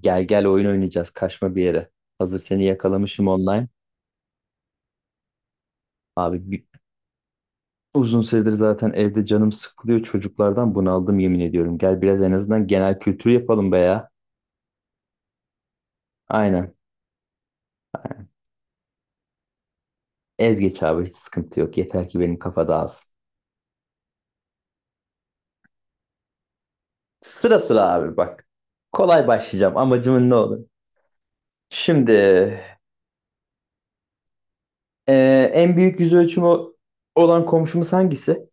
Gel gel oyun oynayacağız. Kaçma bir yere. Hazır seni yakalamışım online. Abi bir- Uzun süredir zaten evde canım sıkılıyor. Çocuklardan bunaldım yemin ediyorum. Gel biraz en azından genel kültür yapalım be ya. Aynen. Ez geç abi hiç sıkıntı yok. Yeter ki benim kafa dağılsın. Sıra sıra abi bak. Kolay başlayacağım. Amacımın ne olur? Şimdi en büyük yüz ölçümü olan komşumuz hangisi?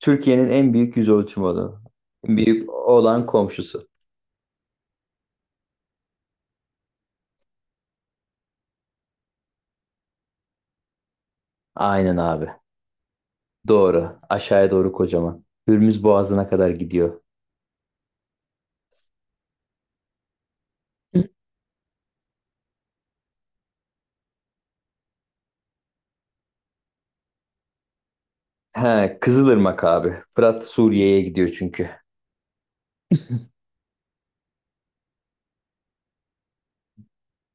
Türkiye'nin en büyük yüz ölçümü olan. Büyük olan komşusu. Aynen abi. Doğru. Aşağıya doğru kocaman. Hürmüz Boğazı'na kadar gidiyor. He, Kızılırmak abi. Fırat Suriye'ye gidiyor çünkü.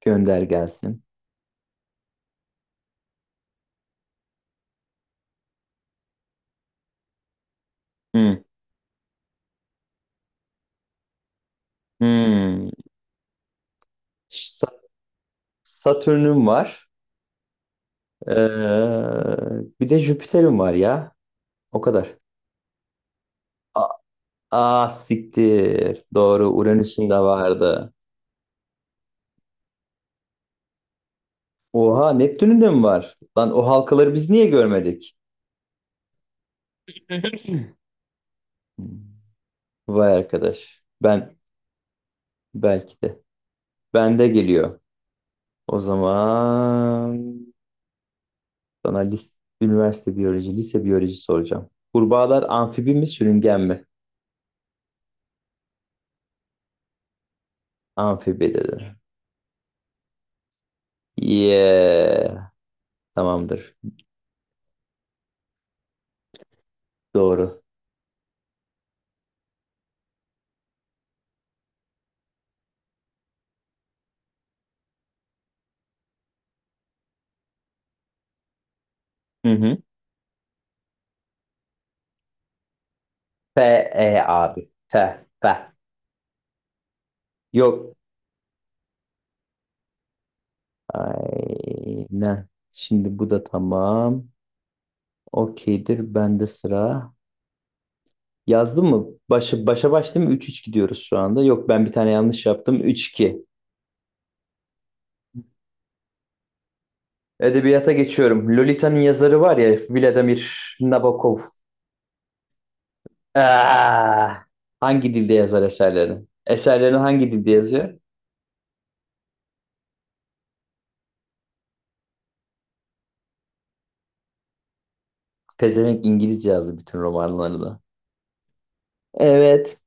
Gönder gelsin. Hmm. Hmm. Sa- Satürn'üm var. Ee, Bir de Jüpiter'im var ya. O kadar. A Aa, siktir. Doğru. Uranüs'ün de vardı. Oha Neptün'ün de mi var? Lan o halkaları biz niye görmedik? Hmm. Vay arkadaş. Ben belki de. Bende geliyor. O zaman sana üniversite biyoloji, lise biyoloji soracağım. Kurbağalar amfibi mi, sürüngen mi? Amfibi dedi. Yeah. Tamamdır. Doğru. Hı hı. F, E abi. F, F. Yok. Aynen. Şimdi bu da tamam. Okeydir. Bende sıra. Yazdım mı? Başa baş değil mi? 3-3 gidiyoruz şu anda. Yok ben bir tane yanlış yaptım. Üç 2. Edebiyata geçiyorum. Lolita'nın yazarı var ya Vladimir Nabokov. Aa, hangi dilde yazar eserlerini? Eserlerini hangi dilde yazıyor? Pezevenk İngilizce yazdı bütün romanlarını. Evet.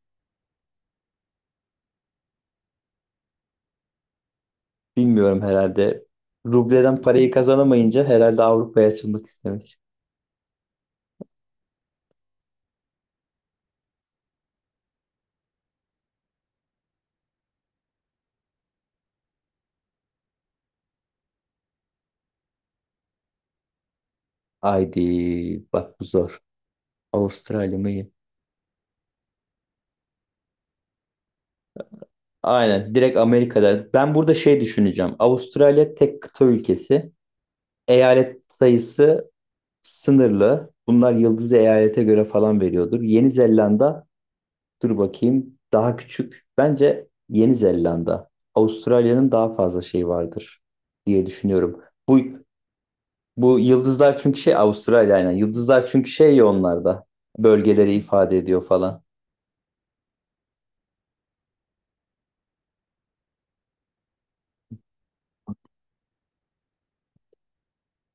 Bilmiyorum herhalde. Rubleden parayı kazanamayınca herhalde Avrupa'ya açılmak istemiş. Haydi bak bu zor. Avustralya mı? Aynen direkt Amerika'da. Ben burada şey düşüneceğim. Avustralya tek kıta ülkesi. Eyalet sayısı sınırlı. Bunlar yıldız eyalete göre falan veriyordur. Yeni Zelanda, dur bakayım, daha küçük. Bence Yeni Zelanda. Avustralya'nın daha fazla şeyi vardır diye düşünüyorum. Bu bu yıldızlar çünkü şey Avustralya aynen. Yıldızlar çünkü şey ya onlarda. Bölgeleri ifade ediyor falan.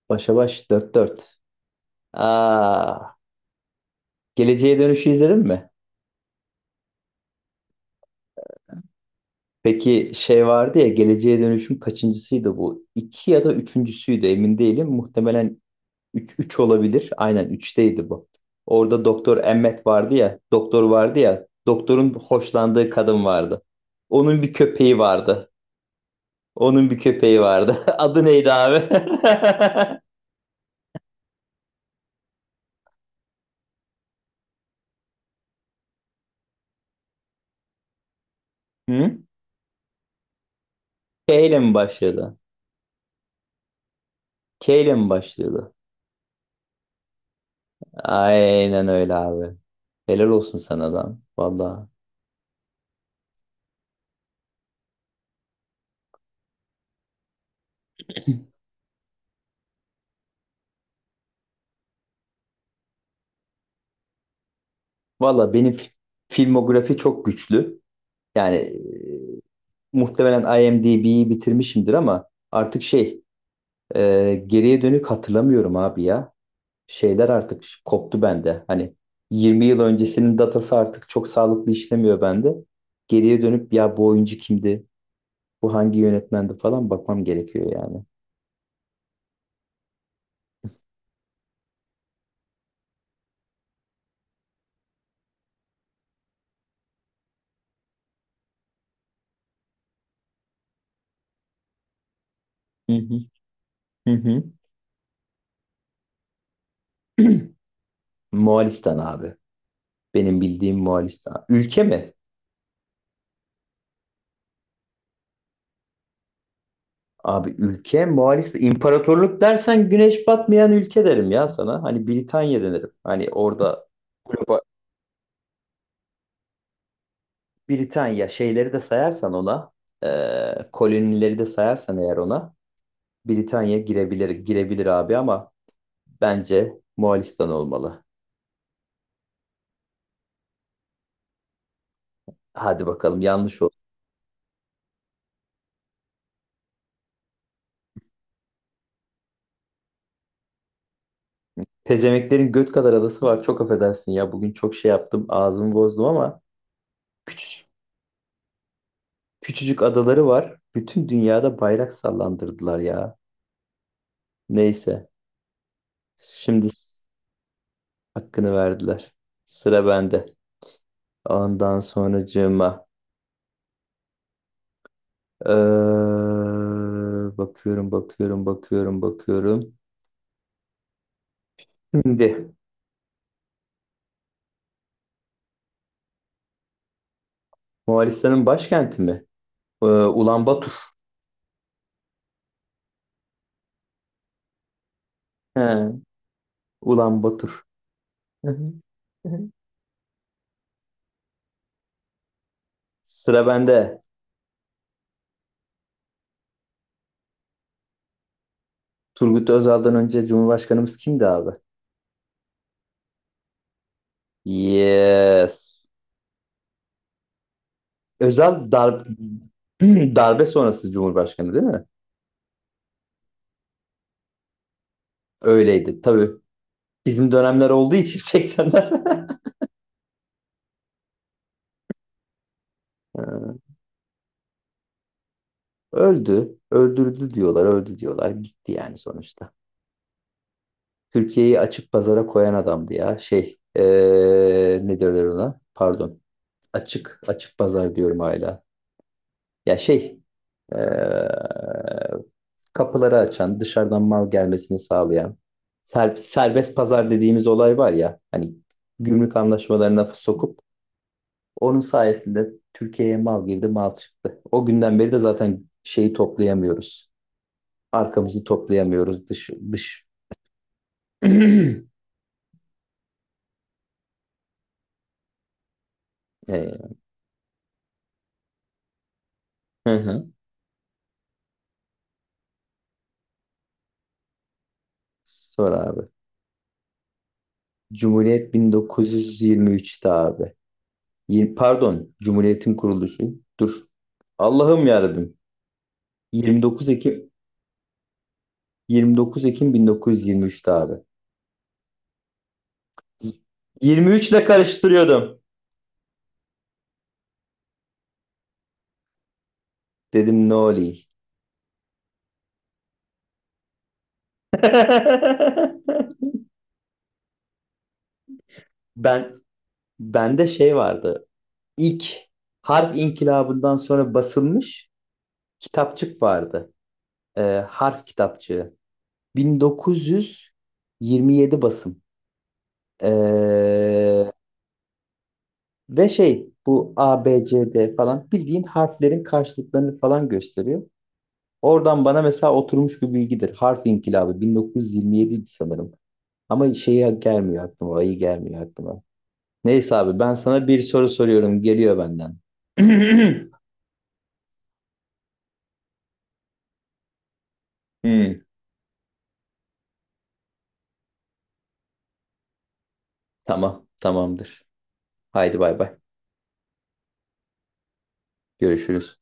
Başa baş dört dört. Aa, Geleceğe Dönüş'ü izledin mi? Peki şey vardı ya Geleceğe Dönüş'ün kaçıncısıydı bu? İki ya da üçüncüsüydü emin değilim. Muhtemelen 3 olabilir. Aynen üçteydi bu. Orada Doktor Emmet vardı ya. Doktor vardı ya. Doktorun hoşlandığı kadın vardı. Onun bir köpeği vardı. Onun bir köpeği vardı. Adı neydi abi? Hı? K ile mi başladı? K ile mi başladı? Aynen öyle abi. Helal olsun sana lan. Valla. Valla benim filmografi çok güçlü. Yani muhtemelen IMDb'yi bitirmişimdir, ama artık şey. Geriye dönük hatırlamıyorum abi ya. Şeyler artık koptu bende. Hani 20 yıl öncesinin datası artık çok sağlıklı işlemiyor bende. Geriye dönüp ya bu oyuncu kimdi? Bu hangi yönetmendi falan bakmam gerekiyor yani. Hı hı, hı hı. Moğolistan abi. Benim bildiğim Moğolistan. Ülke mi? Abi ülke Moğolistan. İmparatorluk dersen güneş batmayan ülke derim ya sana. Hani Britanya denirim. Hani orada Britanya şeyleri de sayarsan ona, kolonileri de sayarsan eğer ona, Britanya girebilir abi ama bence Moğolistan olmalı. Hadi bakalım yanlış oldu. Pezemeklerin göt kadar adası var. Çok affedersin ya bugün çok şey yaptım ağzımı bozdum ama küçücük, küçücük adaları var. Bütün dünyada bayrak sallandırdılar ya. Neyse şimdi hakkını verdiler. Sıra bende. Ondan sonracığıma. Bakıyorum, bakıyorum, bakıyorum, bakıyorum. Şimdi Moğolistan'ın başkenti mi? Ulan Batur. He, Ulan Batur. Hı hı, hı hı. Sıra bende. Turgut Özal'dan önce Cumhurbaşkanımız kimdi abi? Yes. Özal darbe sonrası Cumhurbaşkanı değil mi? Öyleydi. Tabii bizim dönemler olduğu için 80'ler. Ee, Öldü. Öldürdü diyorlar. Öldü diyorlar. Gitti yani sonuçta. Türkiye'yi açık pazara koyan adamdı ya. Şey, ne derler ona? Pardon. Açık pazar diyorum hala. Ya şey, eee, kapıları açan, dışarıdan mal gelmesini sağlayan, serbest pazar dediğimiz olay var ya, hani gümrük anlaşmalarına sokup onun sayesinde Türkiye'ye mal girdi, mal çıktı. O günden beri de zaten şeyi toplayamıyoruz. Arkamızı toplayamıyoruz dış dış. Eee, hı hı. Sor abi. Cumhuriyet 1923'te abi. Pardon, Cumhuriyet'in kuruluşu. Dur. Allah'ım yarabbim. 29 Ekim 29 Ekim 1923'te abi. 23 ile karıştırıyordum. Dedim ne olayım. Ben Bende şey vardı. İlk harf inkılabından sonra basılmış kitapçık vardı. Ee, Harf kitapçığı. 1927 basım. Ee, Ve şey bu A, B, C, D falan bildiğin harflerin karşılıklarını falan gösteriyor. Oradan bana mesela oturmuş bir bilgidir. Harf inkılabı 1927 idi sanırım. Ama şeye gelmiyor aklıma, ayı gelmiyor aklıma. Neyse abi ben sana bir soru soruyorum. Geliyor benden. Hmm, tamam, tamamdır. Haydi bay bay. Görüşürüz.